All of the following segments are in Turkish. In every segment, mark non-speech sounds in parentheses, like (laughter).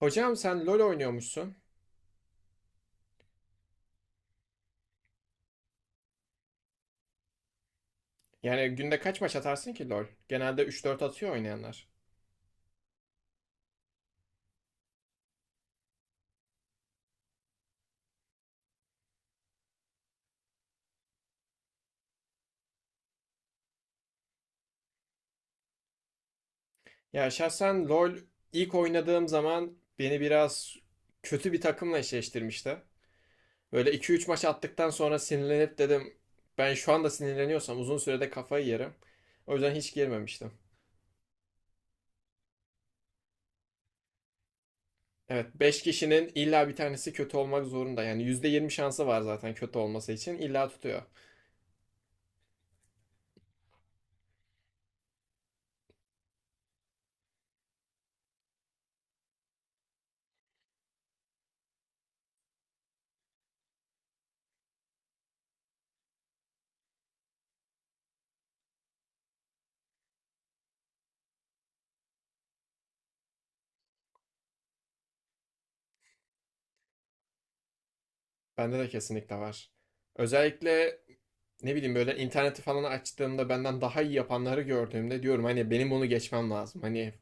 Hocam sen LoL oynuyormuşsun. Yani günde kaç maç atarsın ki LoL? Genelde üç dört atıyor oynayanlar. Ya şahsen LoL ilk oynadığım zaman beni biraz kötü bir takımla eşleştirmişti. Böyle iki üç maç attıktan sonra sinirlenip dedim ben şu anda sinirleniyorsam uzun sürede kafayı yerim. O yüzden hiç girmemiştim. Evet, beş kişinin illa bir tanesi kötü olmak zorunda. Yani %20 şansı var, zaten kötü olması için illa tutuyor. Bende de kesinlikle var. Özellikle ne bileyim böyle interneti falan açtığımda benden daha iyi yapanları gördüğümde diyorum hani benim bunu geçmem lazım. Hani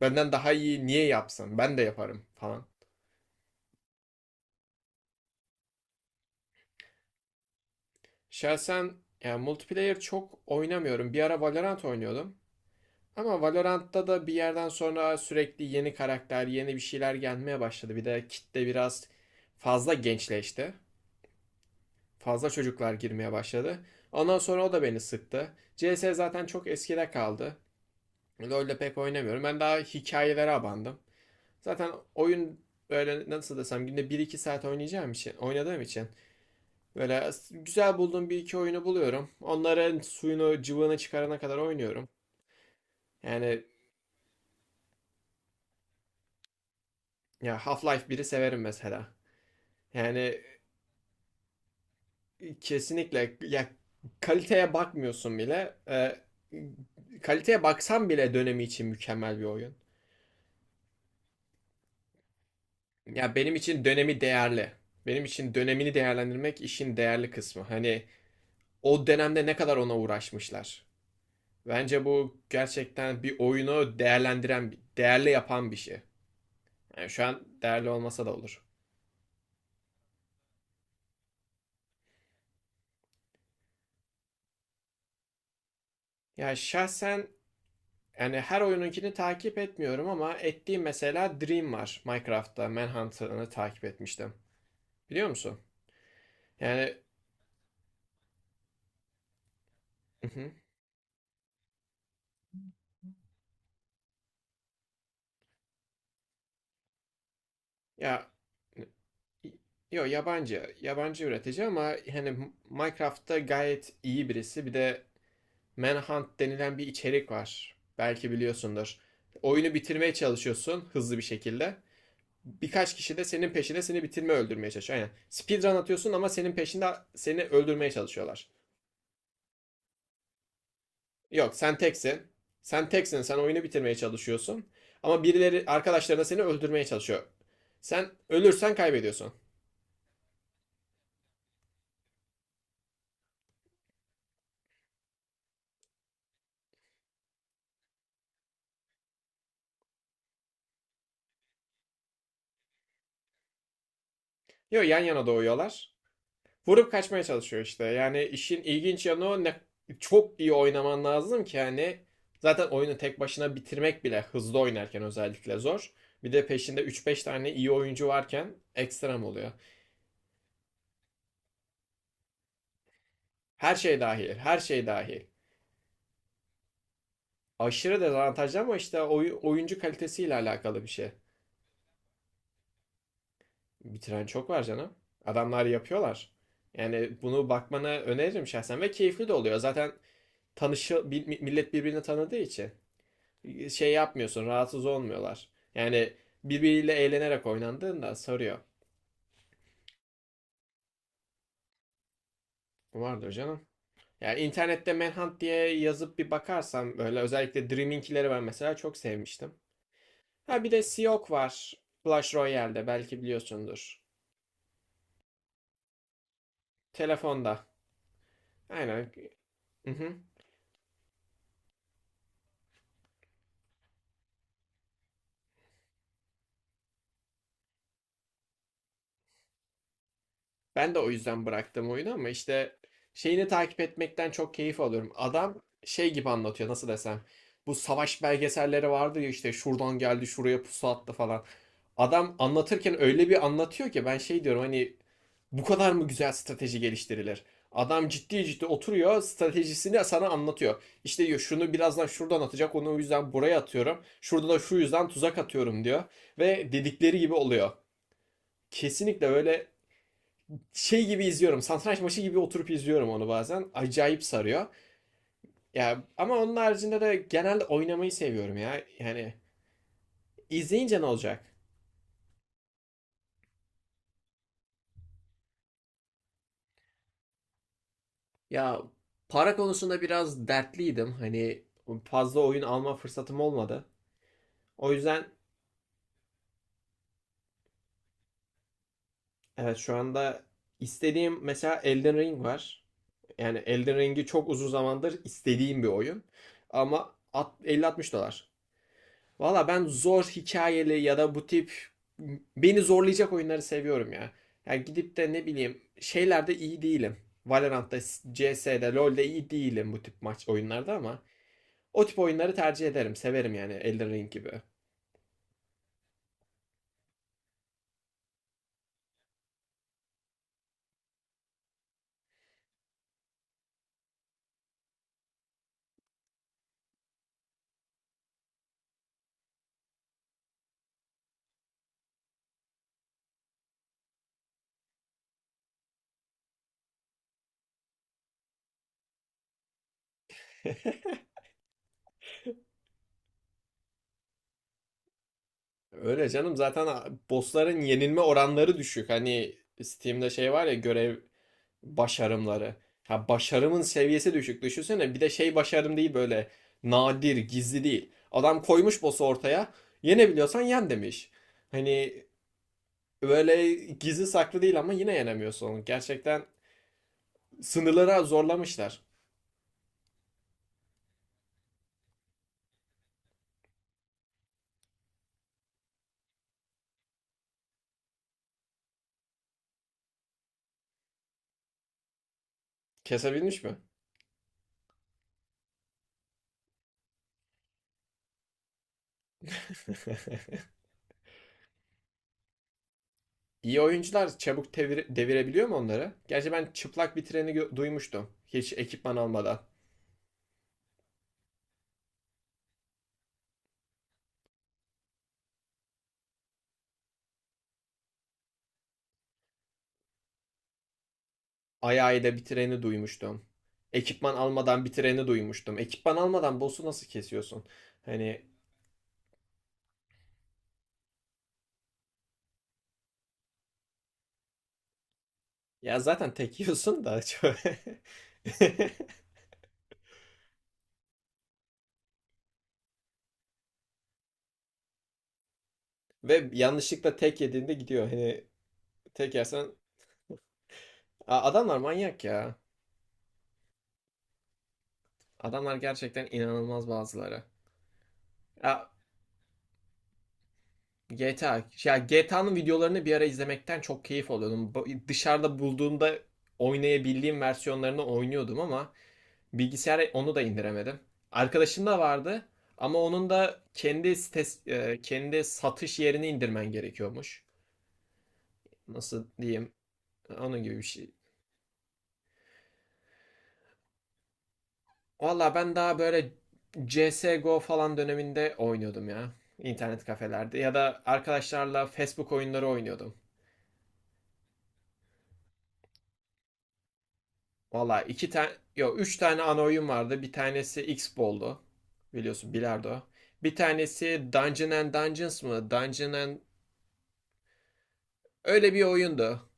benden daha iyi niye yapsın? Ben de yaparım falan. Şahsen yani multiplayer çok oynamıyorum. Bir ara Valorant oynuyordum. Ama Valorant'ta da bir yerden sonra sürekli yeni karakter, yeni bir şeyler gelmeye başladı. Bir de kitle biraz fazla gençleşti. Fazla çocuklar girmeye başladı. Ondan sonra o da beni sıktı. CS zaten çok eskide kaldı. LoL'de pek oynamıyorum. Ben daha hikayelere abandım. Zaten oyun böyle nasıl desem günde bir iki saat oynayacağım için, oynadığım için böyle güzel bulduğum bir iki oyunu buluyorum. Onların suyunu, cıvığını çıkarana kadar oynuyorum. Yani ya Half-Life biri severim mesela. Yani kesinlikle ya kaliteye bakmıyorsun bile. Kaliteye baksan bile dönemi için mükemmel bir oyun. Ya benim için dönemi değerli. Benim için dönemini değerlendirmek işin değerli kısmı. Hani o dönemde ne kadar ona uğraşmışlar. Bence bu gerçekten bir oyunu değerlendiren, değerli yapan bir şey. Yani şu an değerli olmasa da olur. Ya şahsen yani her oyununkini takip etmiyorum ama ettiğim mesela Dream var. Minecraft'ta Manhunt'ını takip etmiştim. Biliyor musun? Yani (laughs) ya yo, yabancı üretici ama hani Minecraft'ta gayet iyi birisi. Bir de Manhunt denilen bir içerik var. Belki biliyorsundur. Oyunu bitirmeye çalışıyorsun hızlı bir şekilde. Birkaç kişi de senin peşinde seni bitirme öldürmeye çalışıyor. Aynen. Speedrun atıyorsun ama senin peşinde seni öldürmeye çalışıyorlar. Yok, sen teksin. Sen teksin. Sen oyunu bitirmeye çalışıyorsun. Ama birileri arkadaşlarına seni öldürmeye çalışıyor. Sen ölürsen kaybediyorsun. Yok, yan yana doğuyorlar. Vurup kaçmaya çalışıyor işte. Yani işin ilginç yanı o ne, çok iyi oynaman lazım ki hani zaten oyunu tek başına bitirmek bile hızlı oynarken özellikle zor. Bir de peşinde üç beş tane iyi oyuncu varken ekstrem oluyor. Her şey dahil, her şey dahil. Aşırı dezavantajlı ama işte oyuncu kalitesiyle alakalı bir şey. Bitiren çok var canım. Adamlar yapıyorlar. Yani bunu bakmanı öneririm şahsen ve keyifli de oluyor. Zaten tanışı millet birbirini tanıdığı için. Şey yapmıyorsun, rahatsız olmuyorlar. Yani birbiriyle eğlenerek oynandığında sarıyor. Vardır canım. Yani internette Manhunt diye yazıp bir bakarsam böyle özellikle Dreaming'leri ben mesela çok sevmiştim. Ha, bir de Siok var. Clash Royale'de belki biliyorsundur. Telefonda. Aynen. Mhm. Ben de o yüzden bıraktım oyunu ama işte şeyini takip etmekten çok keyif alıyorum. Adam şey gibi anlatıyor, nasıl desem. Bu savaş belgeselleri vardı ya, işte şuradan geldi, şuraya pusu attı falan. Adam anlatırken öyle bir anlatıyor ki ben şey diyorum hani bu kadar mı güzel strateji geliştirilir? Adam ciddi ciddi oturuyor, stratejisini sana anlatıyor. İşte diyor şunu birazdan şuradan atacak, onu o yüzden buraya atıyorum. Şurada da şu yüzden tuzak atıyorum diyor. Ve dedikleri gibi oluyor. Kesinlikle öyle, şey gibi izliyorum. Satranç maçı gibi oturup izliyorum onu bazen. Acayip sarıyor. Ya ama onun haricinde de genelde oynamayı seviyorum ya. Yani izleyince ne olacak? Ya para konusunda biraz dertliydim. Hani fazla oyun alma fırsatım olmadı. O yüzden evet, şu anda istediğim mesela Elden Ring var. Yani Elden Ring'i çok uzun zamandır istediğim bir oyun. Ama 50-60 dolar. Valla ben zor hikayeli ya da bu tip beni zorlayacak oyunları seviyorum ya. Yani gidip de ne bileyim şeylerde iyi değilim. Valorant'ta, CS'de, LoL'de iyi değilim bu tip maç oyunlarda ama o tip oyunları tercih ederim. Severim yani Elden Ring gibi. (laughs) Öyle canım, zaten bossların yenilme oranları düşük. Hani Steam'de şey var ya, görev başarımları. Ha, başarımın seviyesi düşük. Düşünsene bir de şey, başarım değil böyle nadir, gizli değil. Adam koymuş boss'u ortaya. Yenebiliyorsan yen demiş. Hani böyle gizli saklı değil ama yine yenemiyorsun onu. Gerçekten sınırlara zorlamışlar. Kesebilmiş mi? (laughs) İyi oyuncular çabuk devirebiliyor mu onları? Gerçi ben çıplak bir treni duymuştum. Hiç ekipman almadan. Ayağıyla bir treni duymuştum. Ekipman almadan bir treni duymuştum. Ekipman almadan boss'u nasıl kesiyorsun? Hani ya zaten tek yiyorsun da. (laughs) Ve yanlışlıkla tek yediğinde gidiyor. Hani tek yersen... adamlar manyak ya. Adamlar gerçekten inanılmaz bazıları. Ya GTA. Ya GTA'nın videolarını bir ara izlemekten çok keyif alıyordum. Dışarıda bulduğumda oynayabildiğim versiyonlarını oynuyordum ama bilgisayara onu da indiremedim. Arkadaşım da vardı ama onun da kendi satış yerini indirmen gerekiyormuş. Nasıl diyeyim? Onun gibi bir şey. Valla ben daha böyle CSGO falan döneminde oynuyordum ya. İnternet kafelerde ya da arkadaşlarla Facebook oyunları oynuyordum. Valla iki tane, yok üç tane ana oyun vardı. Bir tanesi X-Ball'du. Biliyorsun, bilardo. Bir tanesi Dungeon and Dungeons mı? Dungeon and... Öyle bir oyundu.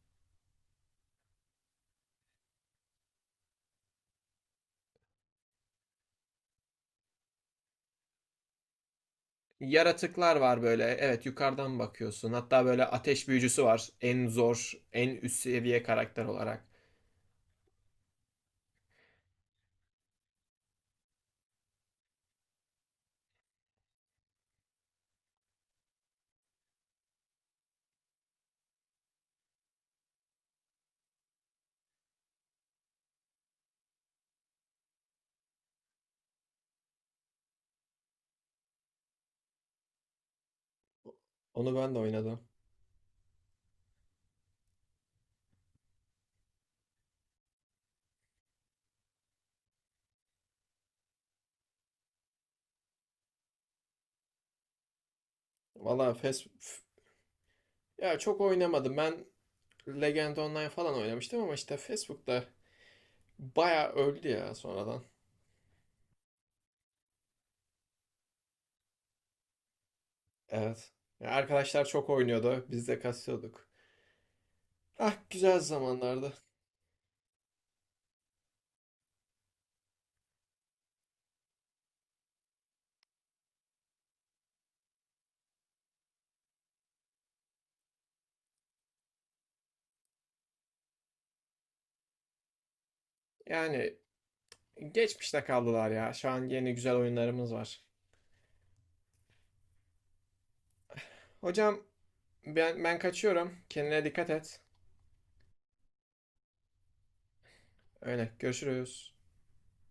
Yaratıklar var böyle. Evet, yukarıdan bakıyorsun. Hatta böyle ateş büyücüsü var. En zor, en üst seviye karakter olarak. Onu ben de oynadım. Valla Fes... Ya çok oynamadım. Ben Legend Online falan oynamıştım ama işte Facebook'ta bayağı öldü ya sonradan. Evet. Ya arkadaşlar çok oynuyordu. Biz de kasıyorduk. Ah, güzel zamanlardı. Yani geçmişte kaldılar ya. Şu an yeni güzel oyunlarımız var. Hocam ben kaçıyorum. Kendine dikkat et. Öyle görüşürüz.